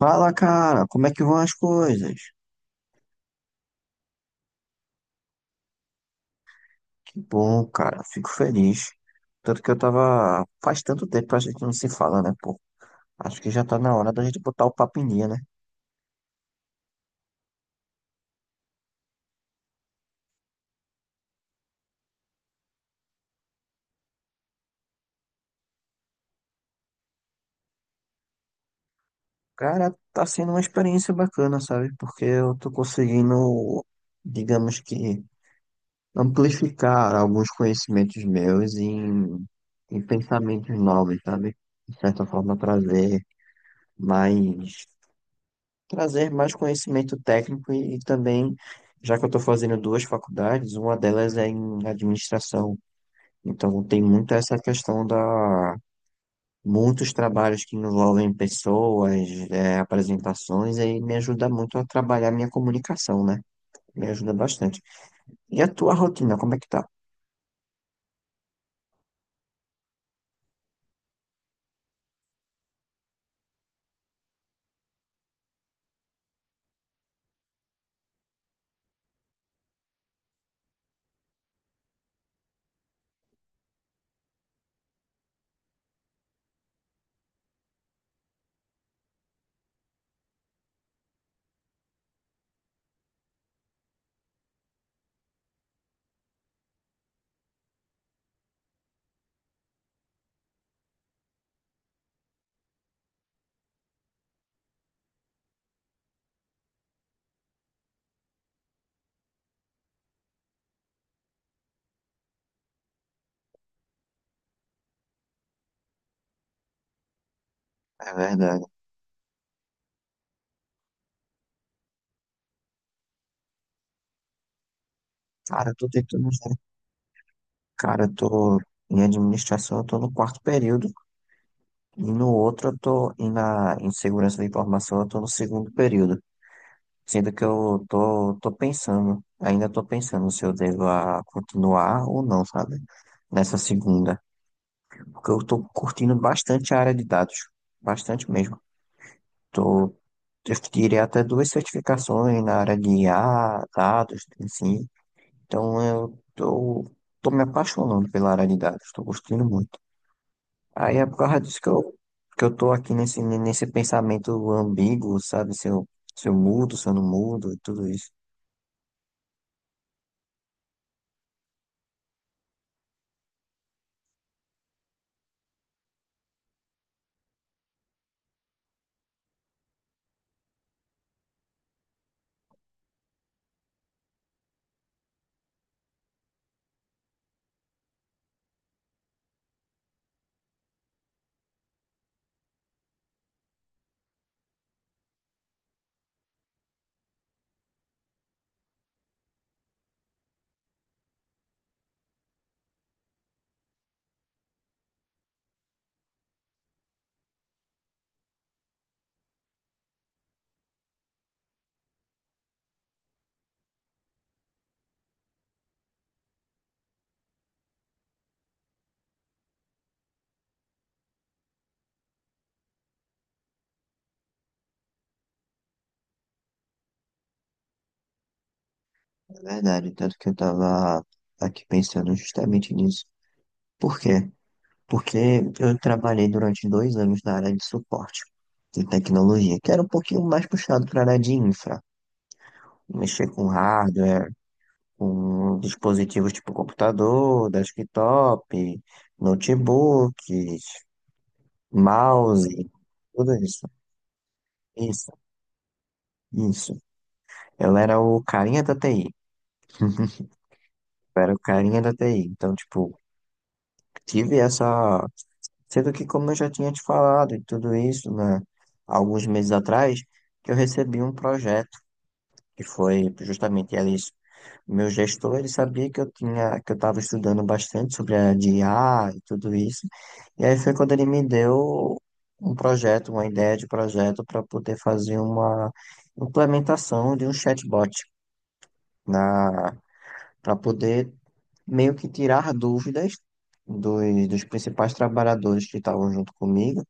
Fala, cara, como é que vão as coisas? Que bom, cara, fico feliz. Tanto que eu tava. Faz tanto tempo que a gente não se fala, né, pô? Acho que já tá na hora da gente botar o papo em dia, né? Cara, tá sendo uma experiência bacana, sabe? Porque eu tô conseguindo, digamos que, amplificar alguns conhecimentos meus em pensamentos novos, sabe? De certa forma, trazer mais. Trazer mais conhecimento técnico e também, já que eu estou fazendo duas faculdades, uma delas é em administração. Então, tem muito essa questão da muitos trabalhos que envolvem pessoas, é, apresentações, aí me ajuda muito a trabalhar minha comunicação, né? Me ajuda bastante. E a tua rotina, como é que tá? É verdade. Cara, eu tô tentando. Cara, eu tô em administração, eu tô no quarto período, e no outro eu tô, e na, em segurança da informação, eu tô no segundo período. Sendo que eu tô pensando, ainda tô pensando se eu devo a continuar ou não, sabe? Nessa segunda. Porque eu tô curtindo bastante a área de dados. Bastante mesmo. Tô, eu tirei até duas certificações na área de I a dados, assim. Então eu tô me apaixonando pela área de dados. Tô curtindo muito. Aí é por causa disso que eu tô aqui nesse pensamento ambíguo, sabe? Se eu mudo, se eu não mudo e tudo isso. É verdade, tanto que eu estava aqui pensando justamente nisso. Por quê? Porque eu trabalhei durante dois anos na área de suporte de tecnologia, que era um pouquinho mais puxado para a área de infra. Mexer com hardware, com dispositivos tipo computador, desktop, notebooks, mouse, tudo isso. Isso, isso. Eu era o carinha da TI. Eu era o carinha da TI. Então, tipo, tive essa. Sendo que, como eu já tinha te falado e tudo isso, né, alguns meses atrás, que eu recebi um projeto que foi justamente ali, meu gestor, ele sabia que eu tinha, que eu estava estudando bastante sobre a de IA e tudo isso. E aí foi quando ele me deu um projeto, uma ideia de projeto para poder fazer uma implementação de um chatbot na para poder meio que tirar dúvidas dos principais trabalhadores que estavam junto comigo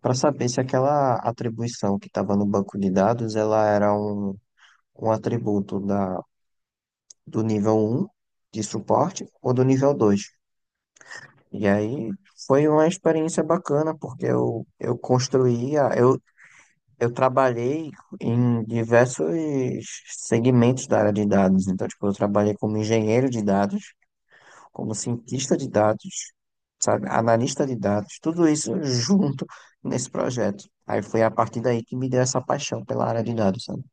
para saber se aquela atribuição que estava no banco de dados ela era um, um atributo da, do nível um de suporte ou do nível dois. E aí foi uma experiência bacana, porque eu construía, eu trabalhei em diversos segmentos da área de dados. Então, tipo, eu trabalhei como engenheiro de dados, como cientista de dados, sabe, analista de dados, tudo isso junto nesse projeto. Aí foi a partir daí que me deu essa paixão pela área de dados, sabe? O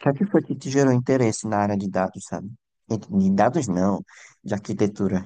que é que foi que te gerou interesse na área de dados, sabe? E de dados não, de arquitetura.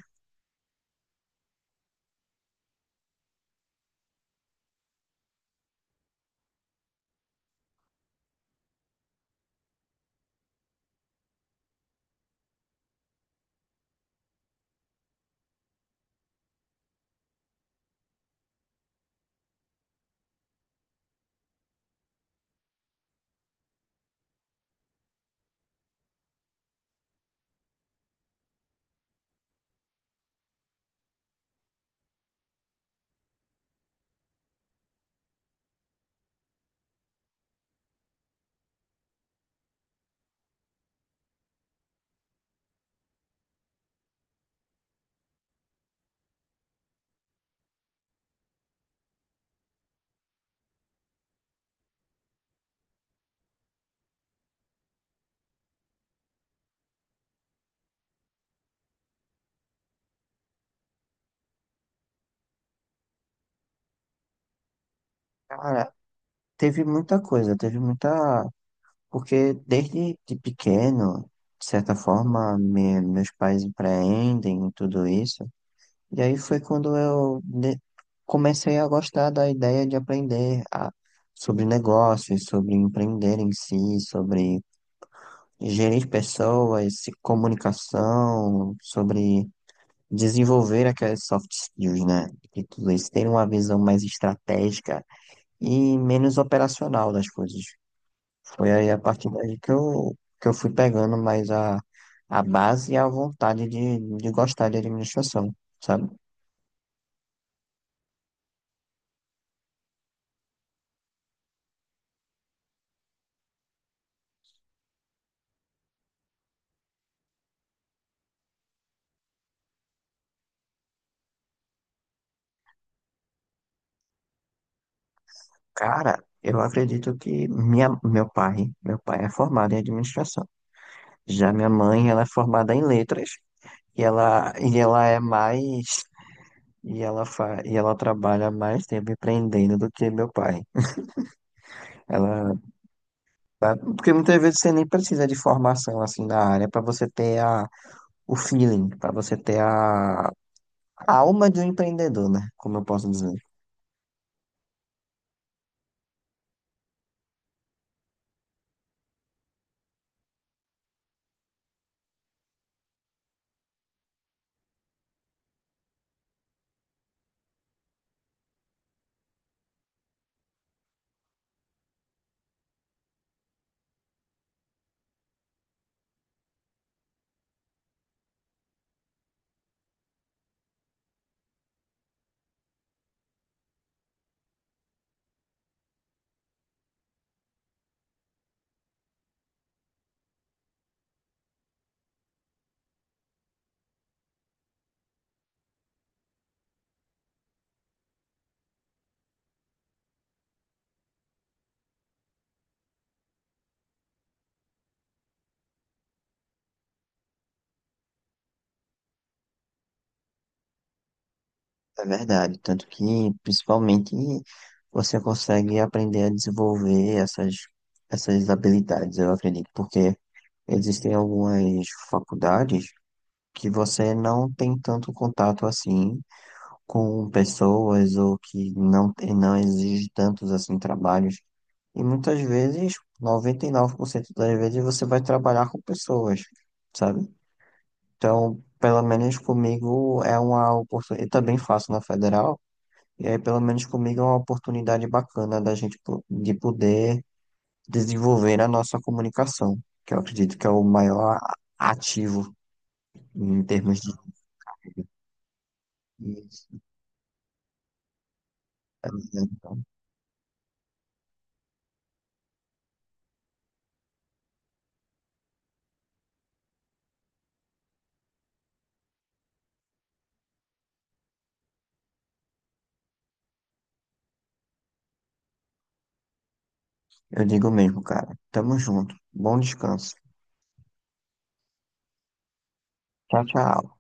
Cara, teve muita coisa, teve muita. Porque desde de pequeno, de certa forma, me- meus pais empreendem e tudo isso. E aí foi quando eu de- comecei a gostar da ideia de aprender a- sobre negócios, sobre empreender em si, sobre gerir pessoas, se- comunicação, sobre desenvolver aqueles soft skills, né? E tudo isso, ter uma visão mais estratégica e menos operacional das coisas. Foi aí a partir daí que eu fui pegando mais a base e a vontade de gostar de administração, sabe? Cara, eu acredito que minha, meu pai é formado em administração. Já minha mãe, ela é formada em letras e ela é mais e ela fa, e ela trabalha mais tempo empreendendo do que meu pai. Ela, tá- porque muitas vezes você nem precisa de formação assim na área para você ter a, o feeling, para você ter a alma de um empreendedor, né? Como eu posso dizer. É verdade, tanto que principalmente você consegue aprender a desenvolver essas, essas habilidades, eu acredito, porque existem algumas faculdades que você não tem tanto contato assim com pessoas ou que não, tem- não exige tantos assim trabalhos. E muitas vezes, 99% das vezes, você vai trabalhar com pessoas, sabe? Então, pelo menos comigo é uma oportunidade. Eu também faço na federal. E aí, pelo menos comigo, é uma oportunidade bacana da gente po- de poder desenvolver a nossa comunicação, que eu acredito que é o maior a- ativo em termos de. De- de- Eu digo mesmo, cara. Tamo junto. Bom descanso. Tchau, tchau.